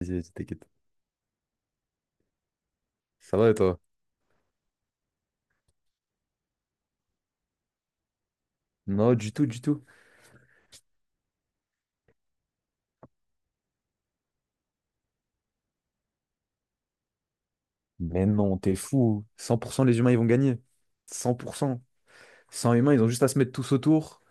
Vas-y, vas-y, t'inquiète. Ça va et toi? Non, du tout, du tout. Mais non, t'es fou. 100%, les humains, ils vont gagner. 100%. 100 humains, ils ont juste à se mettre tous autour.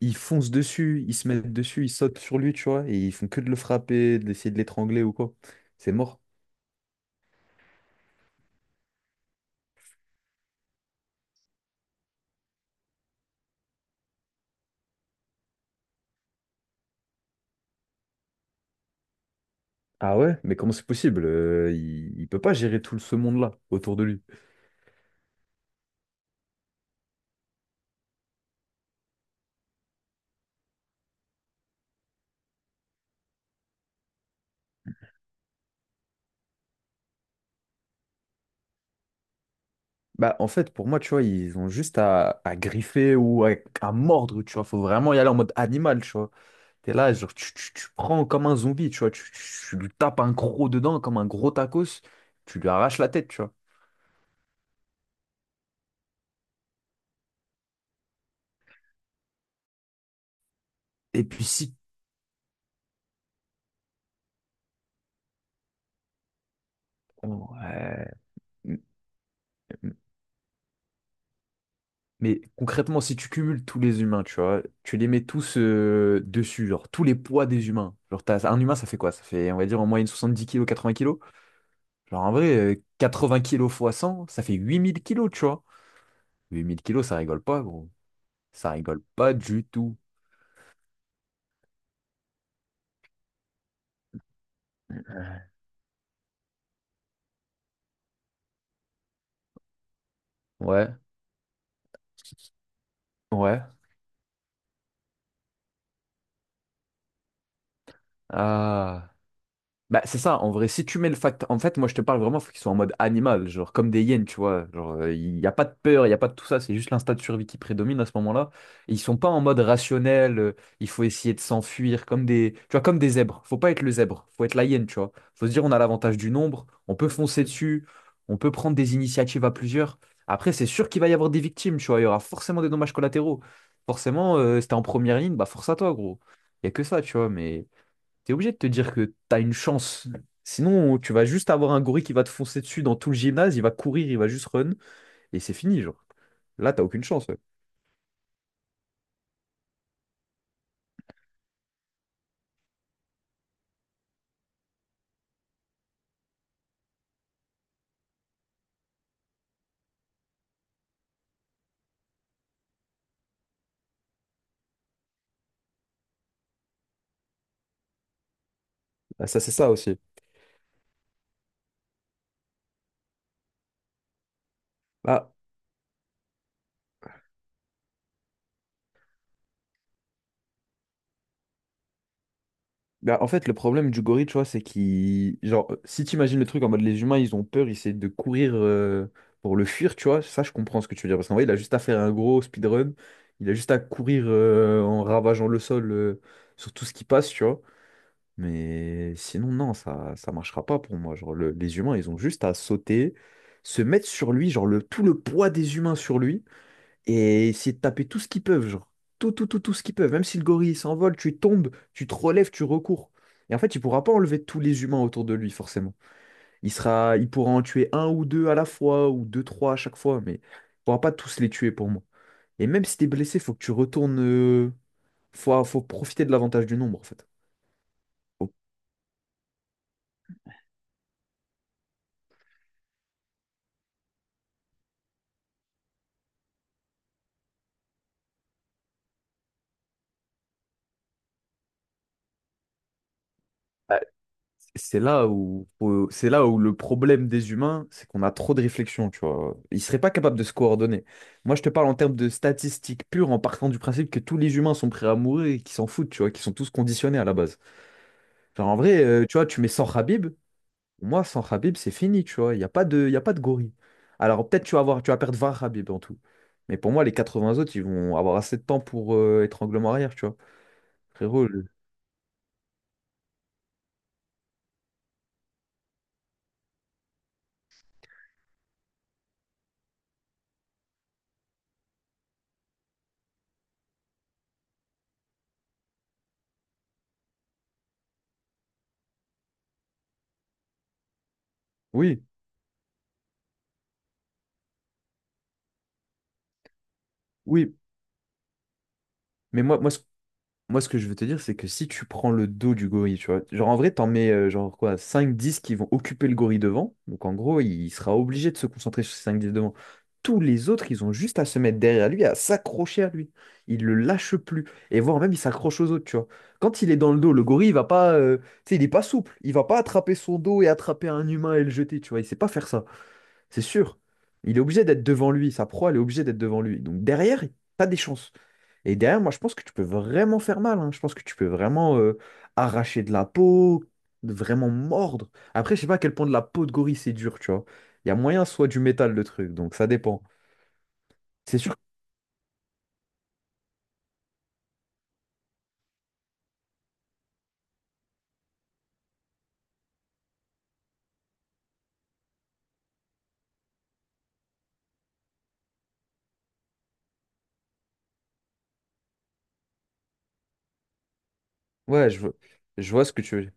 Ils foncent dessus, ils se mettent dessus, ils sautent sur lui, tu vois. Et ils font que de le frapper, d'essayer de l'étrangler ou quoi. C'est mort. Ah ouais? Mais comment c'est possible? Il peut pas gérer tout ce monde-là autour de lui. Bah, en fait, pour moi, tu vois, ils ont juste à griffer ou à mordre, tu vois. Faut vraiment y aller en mode animal, tu vois. T'es là, genre, tu prends comme un zombie, tu vois, tu lui tapes un croc dedans comme un gros tacos, tu lui arraches la tête, tu vois. Et puis si... oh, ouais. M- m- Mais concrètement, si tu cumules tous les humains, tu vois, tu les mets tous dessus, genre, tous les poids des humains. Genre, t'as- un humain, ça fait quoi? Ça fait, on va dire, en moyenne 70 kilos, 80 kilos. Genre, en vrai, 80 kilos fois 100 ça fait 8 000 kilos, tu vois. 8 000 kilos, ça rigole pas, gros. Ça rigole pas du tout. Ouais, ouais. Ah. Bah, c'est ça, en vrai, si tu mets le fact... En fait, moi, je te parle vraiment, faut qu'ils soient en mode animal, genre comme des hyènes, tu vois. Genre, il n'y a pas de peur, il n'y a pas de tout ça, c'est juste l'instinct de survie qui prédomine à ce moment-là. Et ils sont pas en mode rationnel, il faut essayer de s'enfuir, comme des... Tu vois, comme des zèbres. Faut pas être le zèbre, faut être la hyène, tu vois. Faut se dire, on a l'avantage du nombre, on peut foncer dessus, on peut prendre des initiatives à plusieurs. Après, c'est sûr qu'il va y avoir des victimes, tu vois, il y aura forcément des dommages collatéraux. Forcément, si t'es en première ligne, bah force à toi, gros. Il n'y a que ça, tu vois, mais t'es obligé de te dire que t'as une chance. Sinon, tu vas juste avoir un gorille qui va te foncer dessus dans tout le gymnase, il va courir, il va juste run, et c'est fini, genre. Là, t'as aucune chance. Ouais. Ah, ça, c'est ça aussi. Bah, bah, en fait, le problème du gorille, tu vois, c'est qu'il... Genre, si t'imagines le truc en mode les humains, ils ont peur, ils essaient de courir pour le fuir, tu vois, ça, je comprends ce que tu veux dire. Parce qu'en vrai, il a juste à faire un gros speedrun, il a juste à courir en ravageant le sol sur tout ce qui passe, tu vois. Mais sinon, non, ça marchera pas pour moi. Genre, le- les humains, ils ont juste à sauter, se mettre sur lui, genre le, tout le poids des humains sur lui, et essayer de taper tout ce qu'ils peuvent, genre. Tout, tout, tout, tout ce qu'ils peuvent. Même si le gorille il s'envole, tu tombes, tu te relèves, tu recours. Et en fait, il pourra pas enlever tous les humains autour de lui, forcément. Il sera, il pourra en tuer un ou deux à la fois, ou deux, trois à chaque fois, mais il pourra pas tous les tuer pour moi. Et même si t'es blessé, faut que tu retournes. Faut, faut profiter de l'avantage du nombre, en fait. C'est là où, c'est là où le problème des humains, c'est qu'on a trop de réflexion, tu vois. Ils seraient pas capables de se coordonner. Moi, je te parle en termes de statistiques pures, en partant du principe que tous les humains sont prêts à mourir et qu'ils s'en foutent, tu vois, qu'ils sont tous conditionnés à la base. Enfin, en vrai, tu vois, tu mets sans Khabib, moi, sans Khabib, c'est fini, tu vois. Il y a pas de gorille. Alors, peut-être tu vas avoir, tu vas perdre 20 Khabib en tout. Mais pour moi, les 80 autres, ils vont avoir assez de temps pour étranglement arrière, tu vois. Frérot, le- oui, oui. Mais moi, moi, ce Moi, ce que je veux te dire, c'est que si tu prends le dos du gorille, tu vois, genre en vrai, t'en mets genre quoi, cinq dix qui vont occuper le gorille devant. Donc en gros, il sera obligé de se concentrer sur ces 5-10 devant. Tous les autres, ils ont juste à se mettre derrière lui, à s'accrocher à lui. Il le lâche plus. Et voire même, il s'accroche aux autres, tu vois. Quand il est dans le dos, le gorille, il va pas, tu sais, il est pas souple. Il va pas attraper son dos et attraper un humain et le jeter, tu vois. Il sait pas faire ça. C'est sûr. Il est obligé d'être devant lui. Sa proie, elle est obligée d'être devant lui. Donc derrière, t'as des chances. Et derrière, moi, je pense que tu peux vraiment faire mal, hein. Je pense que tu peux vraiment arracher de la peau, vraiment mordre. Après, je sais pas à quel point de la peau de gorille c'est dur, tu vois. Il y a moyen soit du métal, le truc. Donc ça dépend. C'est sûr. Ouais, je, vois- je vois ce que tu veux dire.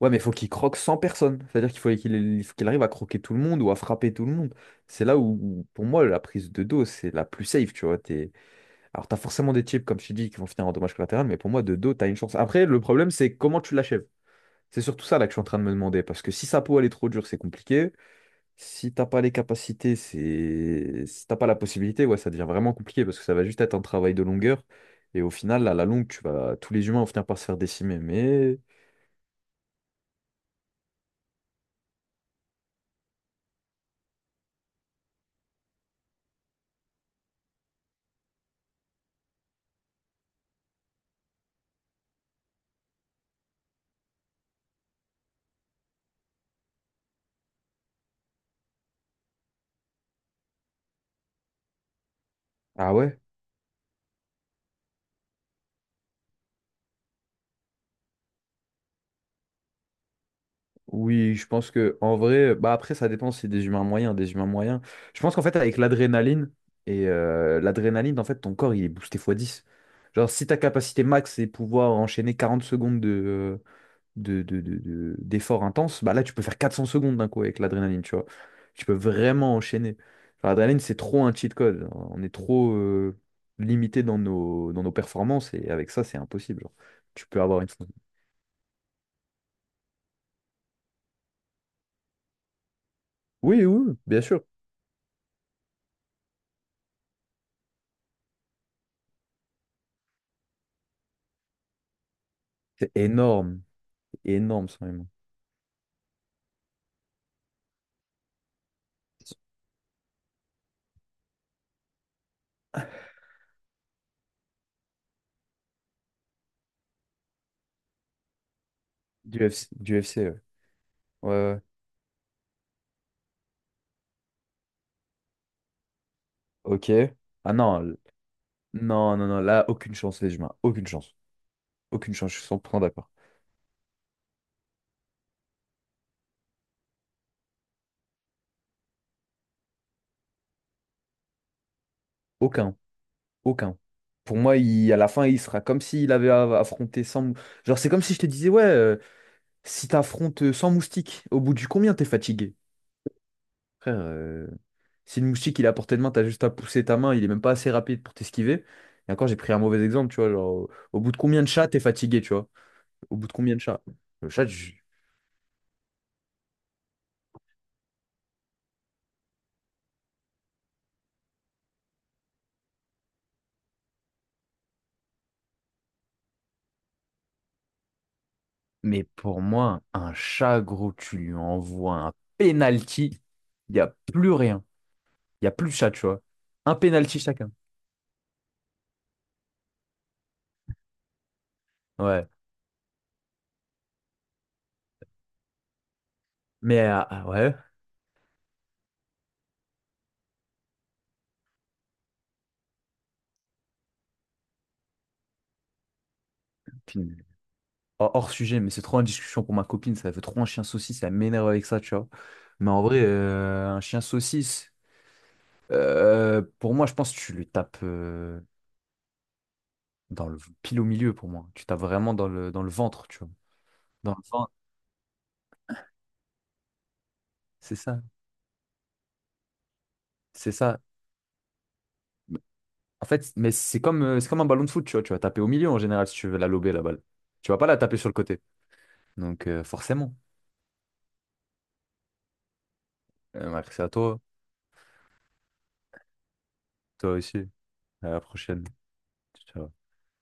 Ouais, mais il faut qu'il croque sans personne. C'est-à-dire qu'il faut qu'il il faut qu'il arrive à croquer tout le monde ou à frapper tout le monde. C'est là où, où, pour moi, la prise de dos, c'est la plus safe, tu vois. T'es- Alors, tu as forcément des types, comme tu dis, qui vont finir en dommage collatéral, mais pour moi, de dos, tu as une chance. Après, le problème, c'est comment tu l'achèves. C'est surtout ça là que je suis en train de me demander, parce que si sa peau, elle est trop dure, c'est compliqué. Si t'as pas les capacités, c'est... Si t'as pas la possibilité, ouais, ça devient vraiment compliqué, parce que ça va juste être un travail de longueur. Et au final, à la longue, tu vas... tous les humains vont finir par se faire décimer. Mais... Ah ouais? Oui, je pense que en vrai, bah après ça dépend si c'est des humains moyens, des humains moyens. Je pense qu'en fait avec l'adrénaline et l'adrénaline en fait ton corps il est boosté fois 10. Genre si ta capacité max c'est pouvoir enchaîner 40 secondes de d'efforts intenses, bah là tu peux faire 400 secondes d'un coup avec l'adrénaline, tu vois. Tu peux vraiment enchaîner. Enfin, l'adrénaline c'est trop un cheat code. On est trop limité dans nos performances et avec ça c'est impossible, genre. Tu peux avoir une Oui, oui, oui, bien sûr. C'est énorme. Énorme, son même. Du FC, du FC, ouais. Ouais, ouais. Ok. Ah non, l- non, non, non, là, aucune chance, les humains. Aucune chance. Aucune chance, je suis 100% d'accord. Aucun, aucun. Pour moi, il, à la fin, il sera comme s'il avait a- affronté 100... mou- Genre, c'est comme si je te disais, ouais, si t'affrontes 100 moustiques, au bout du combien t'es fatigué? Frère, si le moustique, il est à portée de main, t'as juste à pousser ta main, il est même pas assez rapide pour t'esquiver. Et encore, j'ai pris un mauvais exemple, tu vois, genre, au, au bout de combien de chats t'es fatigué, tu vois? Au bout de combien de chats? Le chat, mais pour moi, un chat, gros, tu lui envoies un penalty, il n'y a plus rien. Il n'y a plus de chat, tu vois. Un penalty chacun. Ouais. Mais ah ouais. Puis, hors sujet, mais c'est trop une discussion pour ma copine. Ça fait trop un chien saucisse, ça m'énerve avec ça, tu vois. Mais en vrai, un chien saucisse, pour moi, je pense que tu lui tapes dans le pile au milieu pour moi. Tu tapes vraiment dans le ventre, tu vois. Dans le ventre, c'est ça. C'est ça. En fait, mais c'est comme un ballon de foot, tu vois. Tu vas taper au milieu en général si tu veux la lober, la balle. Tu vas pas la taper sur le côté. Donc, forcément. Merci à toi. Toi aussi. À la prochaine. Ciao.